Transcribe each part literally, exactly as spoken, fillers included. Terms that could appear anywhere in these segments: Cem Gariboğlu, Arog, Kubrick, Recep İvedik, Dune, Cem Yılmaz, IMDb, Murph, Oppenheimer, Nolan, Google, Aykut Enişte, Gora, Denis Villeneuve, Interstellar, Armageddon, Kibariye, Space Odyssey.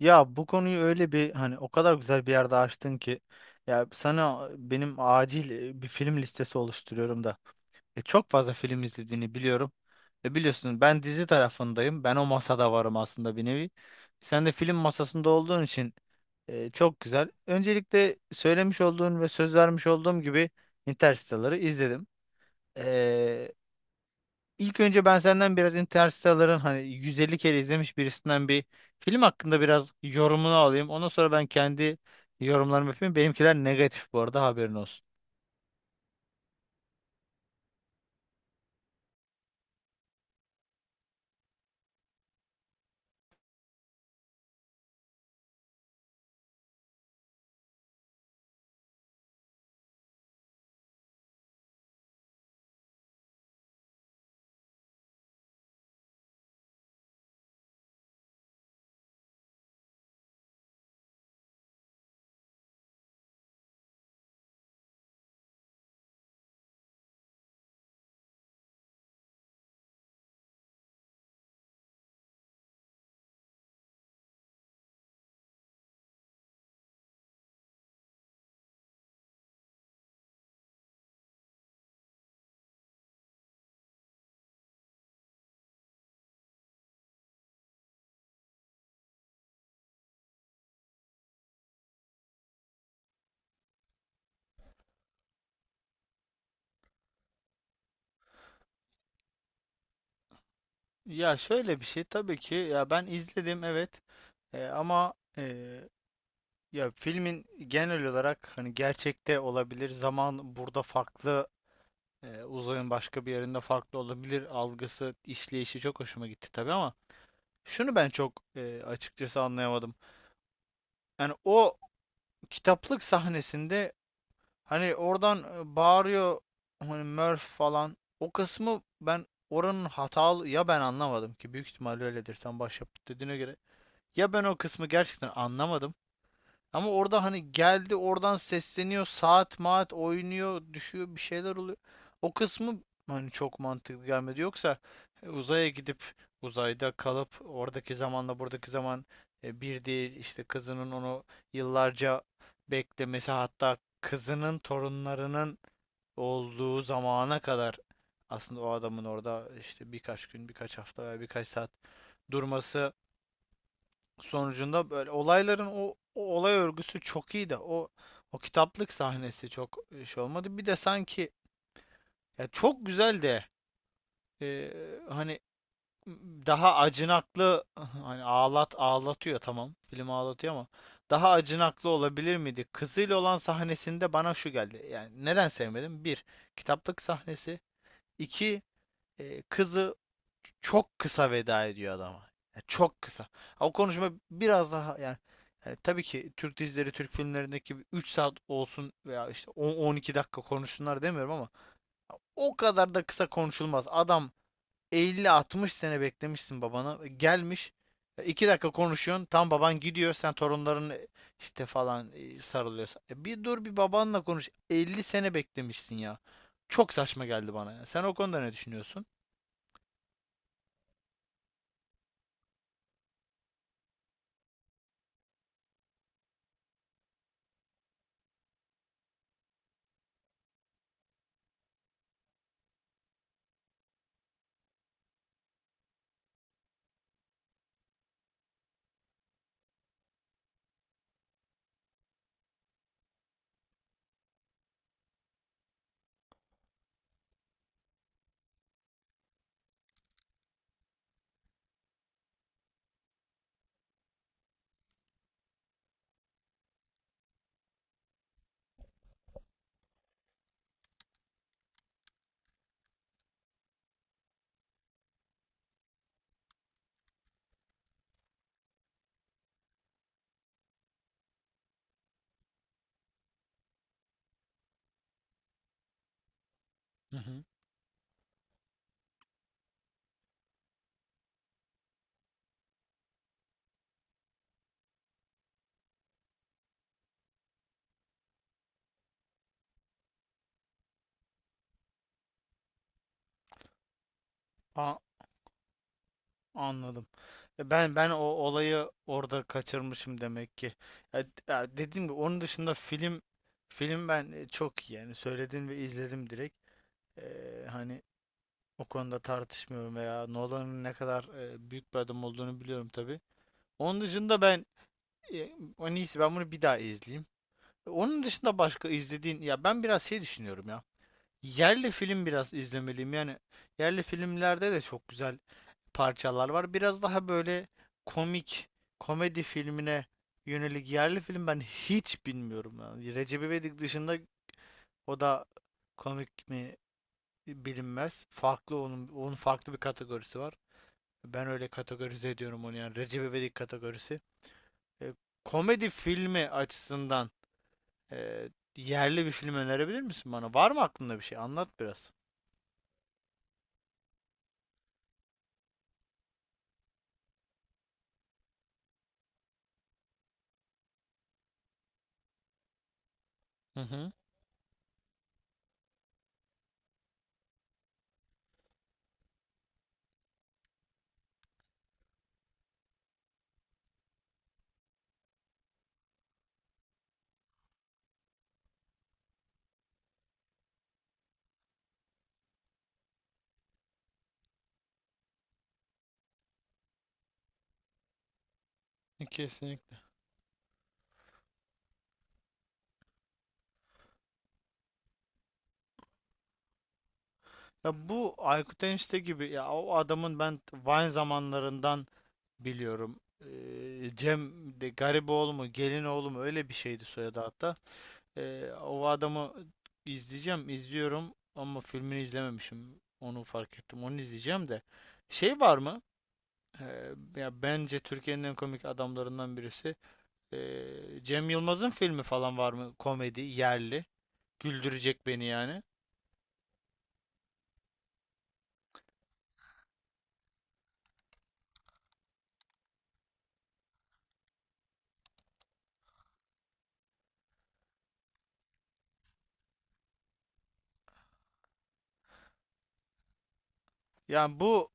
Ya bu konuyu öyle bir, hani o kadar güzel bir yerde açtın ki, ya sana benim acil e, bir film listesi oluşturuyorum da. E, çok fazla film izlediğini biliyorum. E, biliyorsun ben dizi tarafındayım. Ben o masada varım aslında, bir nevi. Sen de film masasında olduğun için e, çok güzel. Öncelikle söylemiş olduğun ve söz vermiş olduğum gibi Interstellar'ı izledim. İlk önce ben senden biraz Interstellar'ın, hani yüz elli kere izlemiş birisinden, bir film hakkında biraz yorumunu alayım. Ondan sonra ben kendi yorumlarımı yapayım. Benimkiler negatif bu arada, haberin olsun. Ya şöyle bir şey, tabii ki ya ben izledim, evet. E, ama e, ya filmin genel olarak, hani, gerçekte olabilir, zaman burada farklı, e, uzayın başka bir yerinde farklı olabilir algısı, işleyişi çok hoşuma gitti tabii, ama şunu ben çok e, açıkçası anlayamadım. Yani o kitaplık sahnesinde hani oradan e, bağırıyor hani Murph falan. O kısmı ben, oranın hatalı ya, ben anlamadım ki, büyük ihtimalle öyledir, sen başyapıt dediğine göre. Ya ben o kısmı gerçekten anlamadım. Ama orada hani geldi oradan sesleniyor, saat maat oynuyor, düşüyor, bir şeyler oluyor. O kısmı hani çok mantıklı gelmedi. Yoksa e, uzaya gidip uzayda kalıp oradaki zamanla buradaki zaman e, bir değil, işte kızının onu yıllarca beklemesi, hatta kızının torunlarının olduğu zamana kadar aslında o adamın orada işte birkaç gün, birkaç hafta veya birkaç saat durması sonucunda böyle olayların, o, o olay örgüsü çok iyi, de o o kitaplık sahnesi çok e, şey olmadı. Bir de sanki, ya çok güzel de e, hani daha acınaklı hani ağlat ağlatıyor, tamam. Film ağlatıyor ama daha acınaklı olabilir miydi? Kızıyla olan sahnesinde bana şu geldi. Yani neden sevmedim? Bir, kitaplık sahnesi. İki, e, kızı çok kısa veda ediyor adama. Yani çok kısa. O konuşma biraz daha, yani, yani tabii ki Türk dizileri, Türk filmlerindeki üç saat olsun veya işte on on iki dakika konuşsunlar demiyorum, ama o kadar da kısa konuşulmaz. Adam, elli altmış sene beklemişsin babana. e, Gelmiş, e, iki dakika konuşuyorsun. Tam baban gidiyor. Sen torunların e, işte falan e, sarılıyorsun. E bir dur, bir babanla konuş. elli sene beklemişsin ya. Çok saçma geldi bana ya. Sen o konuda ne düşünüyorsun? Hı hı. A- anladım. E, Ben ben o olayı orada kaçırmışım demek ki. Ya, ya dediğim gibi, onun dışında film film ben e, çok iyi, yani söyledim ve izledim direkt. E, hani o konuda tartışmıyorum, veya Nolan'ın ne kadar e, büyük bir adam olduğunu biliyorum tabii. Onun dışında ben e, en iyisi ben bunu bir daha izleyeyim. E, Onun dışında başka izlediğin, ya ben biraz şey düşünüyorum ya. Yerli film biraz izlemeliyim. Yani yerli filmlerde de çok güzel parçalar var. Biraz daha böyle komik, komedi filmine yönelik yerli film ben hiç bilmiyorum. Yani Recep İvedik dışında, o da komik mi bilinmez. Farklı, onun, onun farklı bir kategorisi var. Ben öyle kategorize ediyorum onu, yani. Recep İvedik kategorisi. E, komedi filmi açısından e, yerli bir film önerebilir misin bana? Var mı aklında bir şey? Anlat biraz. Hı hı. Kesinlikle. Ya bu Aykut Enişte gibi, ya o adamın, ben Vine zamanlarından biliyorum. Ee, Cem de Gariboğlu mu, Gelinoğlu mu, öyle bir şeydi soyadı hatta. Ee, o adamı izleyeceğim, izliyorum ama filmini izlememişim. Onu fark ettim. Onu izleyeceğim de. Şey var mı? Ee, ya bence Türkiye'nin en komik adamlarından birisi. Ee, Cem Yılmaz'ın filmi falan var mı? Komedi, yerli. Güldürecek beni, yani. Yani bu,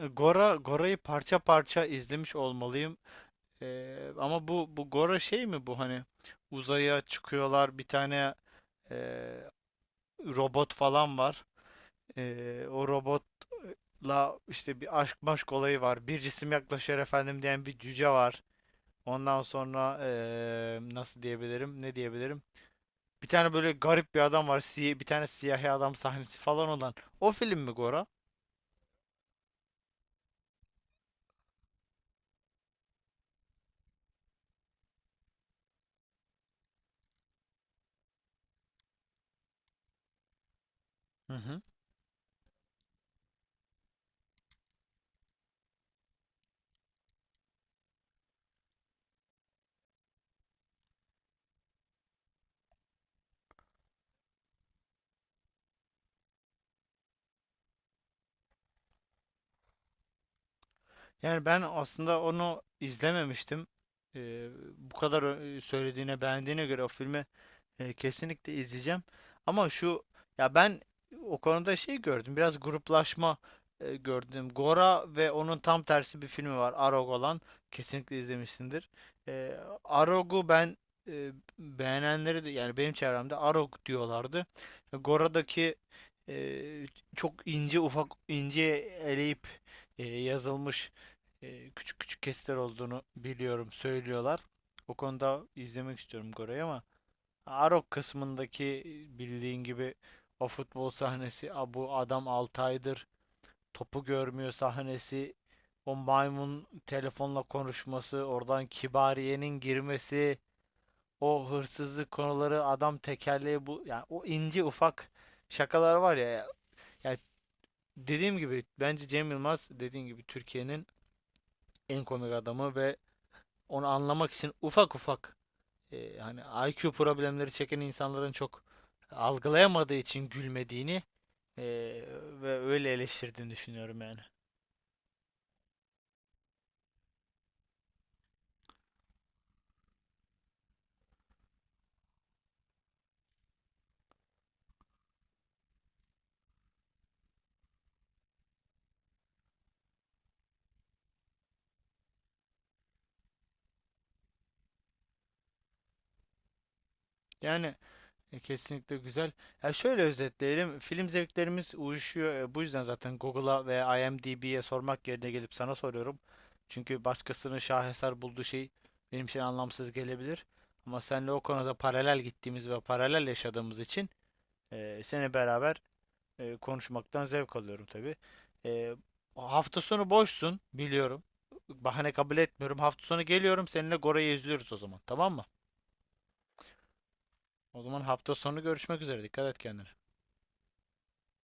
E, Gora Gora'yı parça parça izlemiş olmalıyım. Eee, ama bu bu Gora şey mi bu, hani uzaya çıkıyorlar, bir tane eee, robot falan var. Eee, o robotla işte bir aşk maşk olayı var. Bir cisim yaklaşıyor efendim diyen bir cüce var. Ondan sonra eee, nasıl diyebilirim? Ne diyebilirim? Bir tane böyle garip bir adam var. Siy bir tane siyahi adam sahnesi falan olan. O film mi, Gora? Hı hı. Yani ben aslında onu izlememiştim. Ee, bu kadar ö- söylediğine, beğendiğine göre o filmi e, kesinlikle izleyeceğim. Ama şu, ya ben o konuda şey gördüm. Biraz gruplaşma e, gördüm. Gora ve onun tam tersi bir filmi var. Arog olan. Kesinlikle izlemişsindir. E, Arog'u ben, e, beğenenleri de, yani benim çevremde Arog diyorlardı. Gora'daki e, çok ince ufak, ince eleyip e, yazılmış, e, küçük küçük kesitler olduğunu biliyorum, söylüyorlar. O konuda izlemek istiyorum Gora'yı, ama Arok kısmındaki, e, bildiğin gibi, o futbol sahnesi, "A bu adam altı aydır topu görmüyor" sahnesi, o maymun telefonla konuşması, oradan Kibariye'nin girmesi, o hırsızlık konuları, adam tekerleği bu, yani o ince ufak şakalar var ya. Yani dediğim gibi, bence Cem Yılmaz, dediğim gibi, Türkiye'nin en komik adamı ve onu anlamak için, ufak ufak, e, hani I Q problemleri çeken insanların çok algılayamadığı için gülmediğini, e, ve öyle eleştirdiğini düşünüyorum yani. Yani e, kesinlikle güzel. Ya şöyle özetleyelim. Film zevklerimiz uyuşuyor. E, bu yüzden zaten Google'a ve IMDb'ye sormak yerine gelip sana soruyorum. Çünkü başkasının şaheser bulduğu şey benim için anlamsız gelebilir. Ama senle o konuda paralel gittiğimiz ve paralel yaşadığımız için e, seni, beraber E, konuşmaktan zevk alıyorum tabii. E, hafta sonu boşsun, biliyorum. Bahane kabul etmiyorum. Hafta sonu geliyorum, seninle Gora'yı izliyoruz o zaman. Tamam mı? O zaman hafta sonu görüşmek üzere. Dikkat et kendine.